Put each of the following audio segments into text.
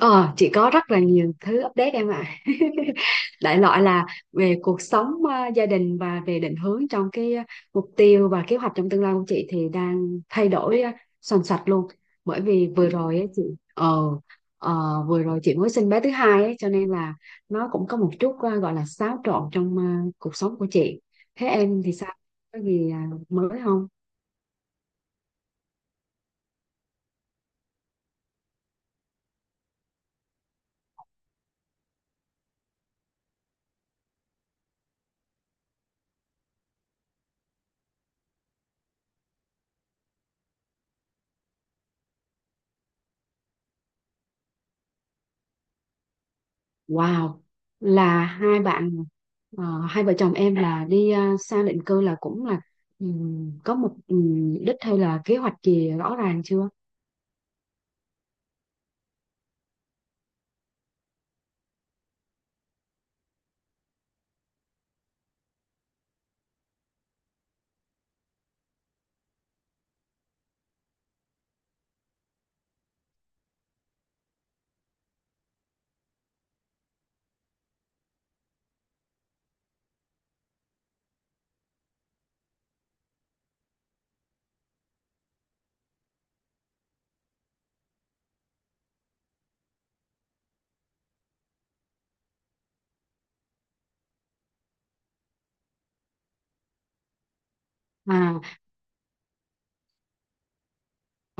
Ờ, chị có rất là nhiều thứ update em ạ. Đại loại là về cuộc sống, gia đình và về định hướng trong cái, mục tiêu và kế hoạch trong tương lai của chị thì đang thay đổi soành soạch luôn. Bởi vì vừa rồi ấy chị, ờ, ờ, vừa rồi chị mới sinh bé thứ hai ấy, cho nên là nó cũng có một chút, gọi là xáo trộn trong cuộc sống của chị. Thế em thì sao? Có gì mới không? Wow, là ờ, hai vợ chồng em là đi sang định cư, là cũng là có một đích hay là kế hoạch gì rõ ràng chưa? À,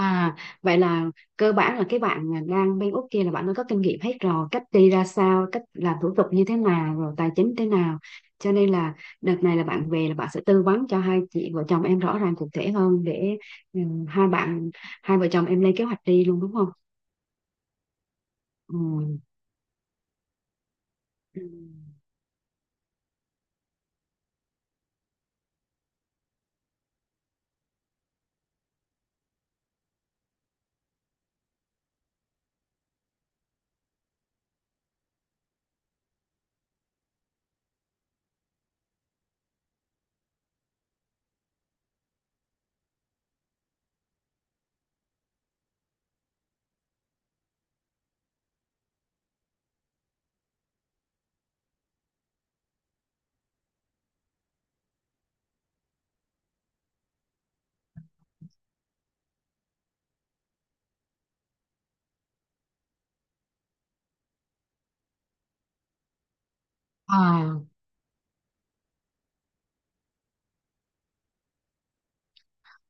à, vậy là cơ bản là cái bạn mà đang bên Úc kia là bạn đã có kinh nghiệm hết rồi, cách đi ra sao, cách làm thủ tục như thế nào, rồi tài chính thế nào. Cho nên là đợt này là bạn về là bạn sẽ tư vấn cho hai chị vợ chồng em rõ ràng cụ thể hơn để ừm, hai bạn hai vợ chồng em lên kế hoạch đi luôn, đúng không? Ừ. Ừ. À,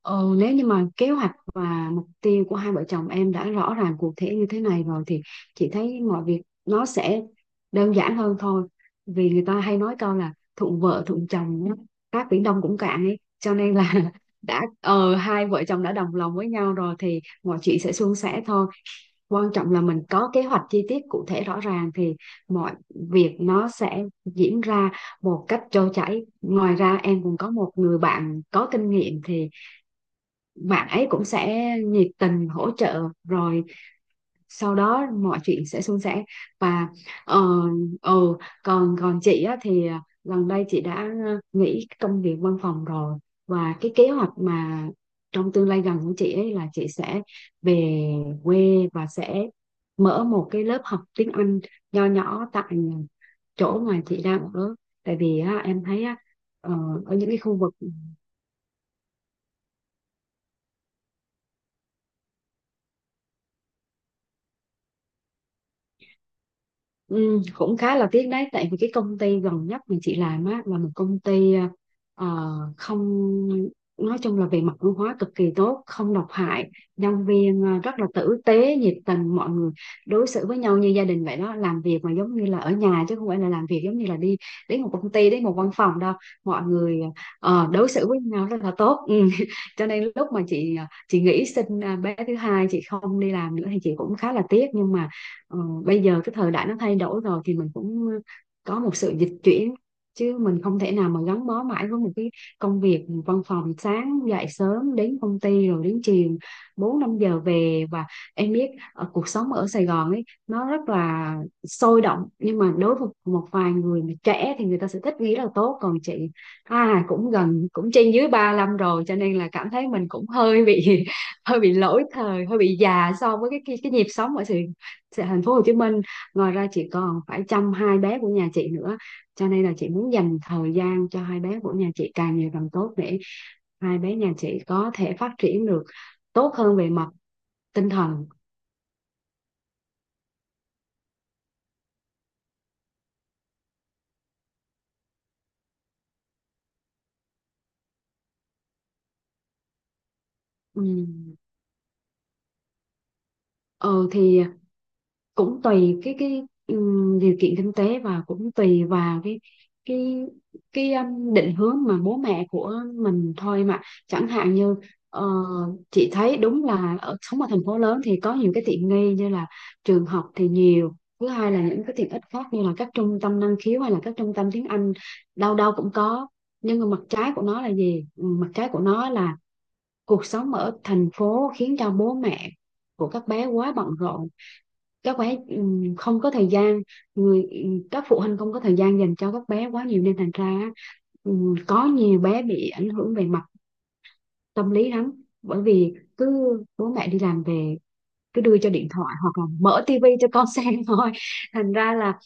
ừ, nếu như mà kế hoạch và mục tiêu của hai vợ chồng em đã rõ ràng cụ thể như thế này rồi thì chị thấy mọi việc nó sẽ đơn giản hơn thôi, vì người ta hay nói câu là thuận vợ thuận chồng nhá, các biển đông cũng cạn ấy cho nên là đã hai vợ chồng đã đồng lòng với nhau rồi thì mọi chuyện sẽ suôn sẻ thôi. Quan trọng là mình có kế hoạch chi tiết cụ thể rõ ràng thì mọi việc nó sẽ diễn ra một cách trôi chảy. Ngoài ra em cũng có một người bạn có kinh nghiệm thì bạn ấy cũng sẽ nhiệt tình hỗ trợ, rồi sau đó mọi chuyện sẽ suôn sẻ và ờ ừ, còn còn chị á, thì gần đây chị đã nghỉ công việc văn phòng rồi và cái kế hoạch mà trong tương lai gần của chị ấy là chị sẽ về quê và sẽ mở một cái lớp học tiếng Anh nho nhỏ tại chỗ mà chị đang ở, tại vì á, em thấy á, ờ, ở những cái khu vực. Ừ, cũng khá là tiếc đấy, tại vì cái công ty gần nhất mà chị làm á là một công ty, ờ, không, nói chung là về mặt văn hóa cực kỳ tốt, không độc hại, nhân viên rất là tử tế, nhiệt tình. Mọi người đối xử với nhau như gia đình vậy đó, làm việc mà giống như là ở nhà chứ không phải là làm việc giống như là đi đến một công ty, đến một văn phòng đâu. Mọi người đối xử với nhau rất là tốt, ừ. Cho nên lúc mà chị nghĩ xin, bé thứ hai chị không đi làm nữa thì chị cũng khá là tiếc nhưng mà, Ờ, bây giờ cái thời đại nó thay đổi rồi thì mình cũng có một sự dịch chuyển chứ mình không thể nào mà gắn bó mãi với một cái công việc văn phòng, sáng dậy sớm đến công ty rồi đến chiều 4-5 giờ về, và em biết ở cuộc sống ở Sài Gòn ấy nó rất là sôi động nhưng mà đối với một vài người mà trẻ thì người ta sẽ thích, nghĩ là tốt. Còn chị à, cũng gần cũng trên dưới 35 rồi cho nên là cảm thấy mình cũng hơi bị hơi bị lỗi thời, hơi bị già so với cái nhịp sống ở thành phố Hồ Chí Minh. Ngoài ra chị còn phải chăm hai bé của nhà chị nữa cho nên là chị muốn dành thời gian cho hai bé của nhà chị càng nhiều càng tốt để hai bé nhà chị có thể phát triển được tốt hơn về mặt tinh thần, ừ. Ừ, thì cũng tùy cái điều kiện kinh tế và cũng tùy vào cái cái định hướng mà bố mẹ của mình thôi, mà chẳng hạn như, ờ, chị thấy đúng là ở sống ở thành phố lớn thì có nhiều cái tiện nghi như là trường học thì nhiều, thứ hai là những cái tiện ích khác như là các trung tâm năng khiếu hay là các trung tâm tiếng Anh, đâu đâu cũng có. Nhưng mà mặt trái của nó là gì? Ừ, mặt trái của nó là cuộc sống ở thành phố khiến cho bố mẹ của các bé quá bận rộn, các bé không có thời gian, người các phụ huynh không có thời gian dành cho các bé quá nhiều nên thành ra á, có nhiều bé bị ảnh hưởng về mặt tâm lý lắm, bởi vì cứ bố mẹ đi làm về cứ đưa cho điện thoại hoặc là mở tivi cho con xem thôi, thành ra là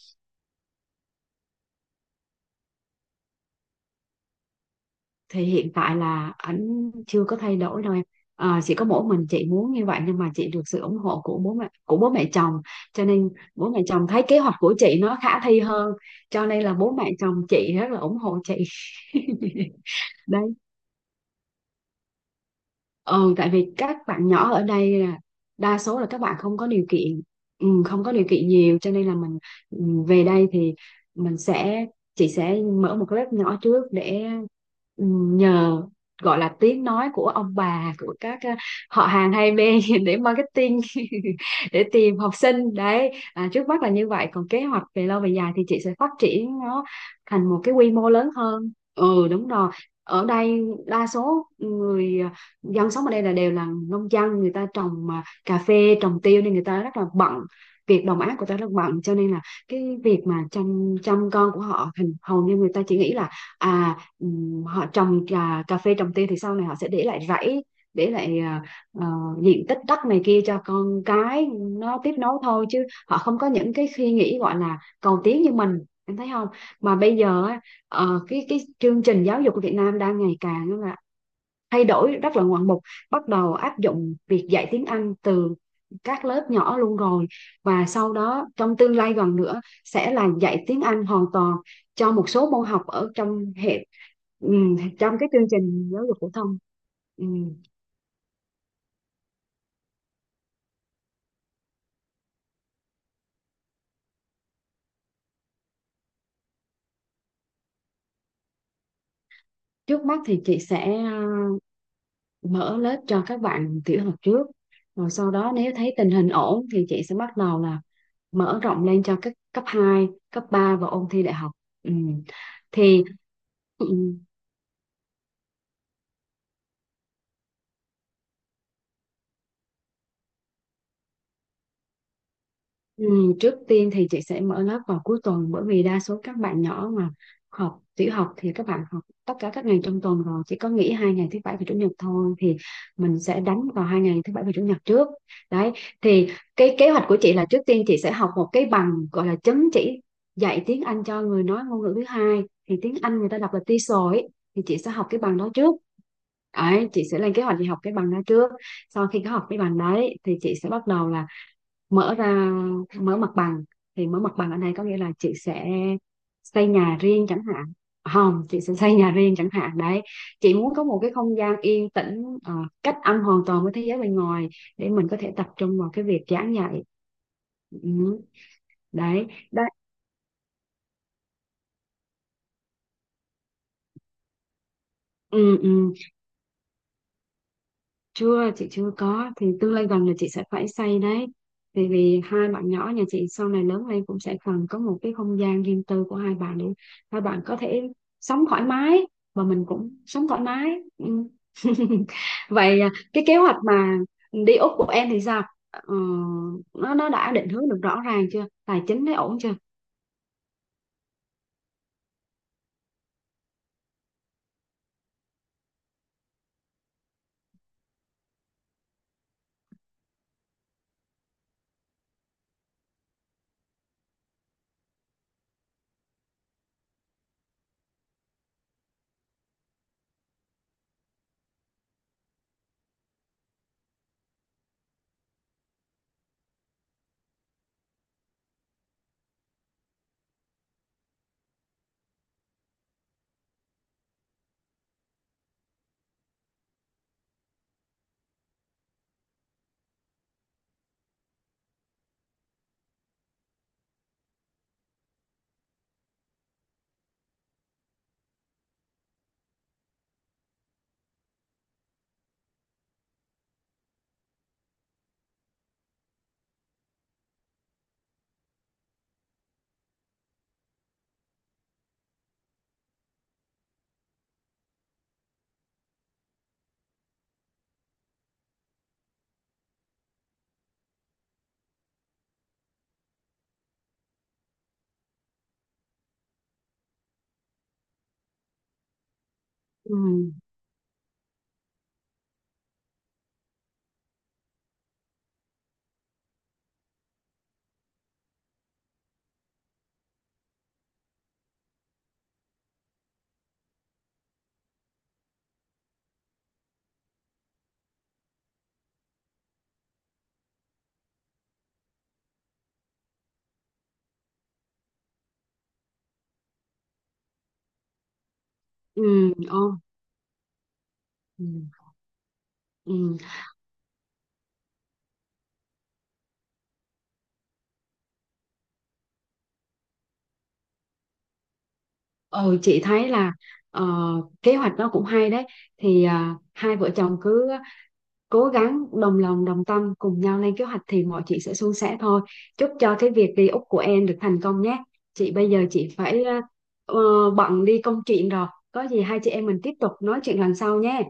thì hiện tại là ảnh chưa có thay đổi đâu em à, chỉ có mỗi mình chị muốn như vậy nhưng mà chị được sự ủng hộ của bố mẹ, của bố mẹ chồng cho nên bố mẹ chồng thấy kế hoạch của chị nó khả thi hơn, cho nên là bố mẹ chồng chị rất là ủng hộ chị. Đấy. Ừ, tại vì các bạn nhỏ ở đây là đa số là các bạn không có điều kiện, không có điều kiện nhiều cho nên là mình, ừ, về đây thì mình sẽ chị sẽ mở một lớp nhỏ trước để, ừ, nhờ gọi là tiếng nói của ông bà, của các họ hàng hai bên để marketing để tìm học sinh. Đấy à, trước mắt là như vậy còn kế hoạch về lâu về dài thì chị sẽ phát triển nó thành một cái quy mô lớn hơn, đúng rồi. Ở đây đa số người dân sống ở đây là đều là nông dân, người ta trồng mà cà phê, trồng tiêu nên người ta rất là bận, việc đồng áng của ta rất bận cho nên là cái việc mà chăm chăm con của họ hình hầu như người ta chỉ nghĩ là họ trồng cà phê, trồng tiêu thì sau này họ sẽ để lại rẫy, để lại ờ, diện tích đất này kia cho con cái nó tiếp nối thôi, chứ họ không có những cái suy nghĩ gọi là cầu tiến như mình, em thấy không? Mà bây giờ á, cái chương trình giáo dục của Việt Nam đang ngày càng là thay đổi rất là ngoạn mục, bắt đầu áp dụng việc dạy tiếng Anh từ các lớp nhỏ luôn rồi và sau đó trong tương lai gần nữa sẽ là dạy tiếng Anh hoàn toàn cho một số môn học ở trong hệ, trong cái chương trình giáo dục phổ thông. Ừm, Trước mắt thì chị sẽ, mở lớp cho các bạn tiểu học trước, rồi sau đó nếu thấy tình hình ổn thì chị sẽ bắt đầu là mở rộng lên cho các cấp 2 cấp 3 và ôn thi đại học. Ừm, thì Ừ. Ừ, trước tiên thì chị sẽ mở lớp vào cuối tuần, bởi vì đa số các bạn nhỏ mà học tiểu học thì các bạn học tất cả các ngày trong tuần rồi, chỉ có nghỉ 2 ngày thứ bảy và chủ nhật thôi thì mình sẽ đánh vào 2 ngày thứ bảy và chủ nhật trước. Đấy, thì cái kế hoạch của chị là trước tiên chị sẽ học một cái bằng gọi là chứng chỉ dạy tiếng Anh cho người nói ngôn ngữ thứ hai, thì tiếng Anh người ta đọc là TESOL ấy. Thì chị sẽ học cái bằng đó trước. Đấy, chị sẽ lên kế hoạch đi học cái bằng đó trước. Sau khi có học cái bằng đấy thì chị sẽ bắt đầu là mở ra mở mặt bằng, thì mở mặt bằng ở đây có nghĩa là chị sẽ xây nhà riêng chẳng hạn. Không, chị sẽ xây nhà riêng chẳng hạn đấy, chị muốn có một cái không gian yên tĩnh, cách âm hoàn toàn với thế giới bên ngoài để mình có thể tập trung vào cái việc giảng dạy, ừ. Đấy, đấy, ừ, ừ. Chưa, chị chưa có thì tương lai gần là chị sẽ phải xây đấy, vì vì hai bạn nhỏ nhà chị sau này lớn lên cũng sẽ cần có một cái không gian riêng tư của hai bạn để hai bạn có thể sống thoải mái và mình cũng sống thoải mái, ừ. Vậy à, cái kế hoạch mà đi Úc của em thì sao? Ờ, nó đã định hướng được rõ ràng chưa, tài chính đấy ổn chưa? Ừ, ừ, ô, ừ. Ừ. Ờ, chị thấy là, ờ, kế hoạch nó cũng hay đấy, thì à, hai vợ chồng cứ cố gắng đồng lòng đồng tâm cùng nhau lên kế hoạch thì mọi chuyện sẽ suôn sẻ thôi. Chúc cho cái việc đi Úc của em được thành công nhé, chị bây giờ chị phải bận đi công chuyện rồi, có gì hai chị em mình tiếp tục nói chuyện lần sau nhé,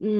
ừ.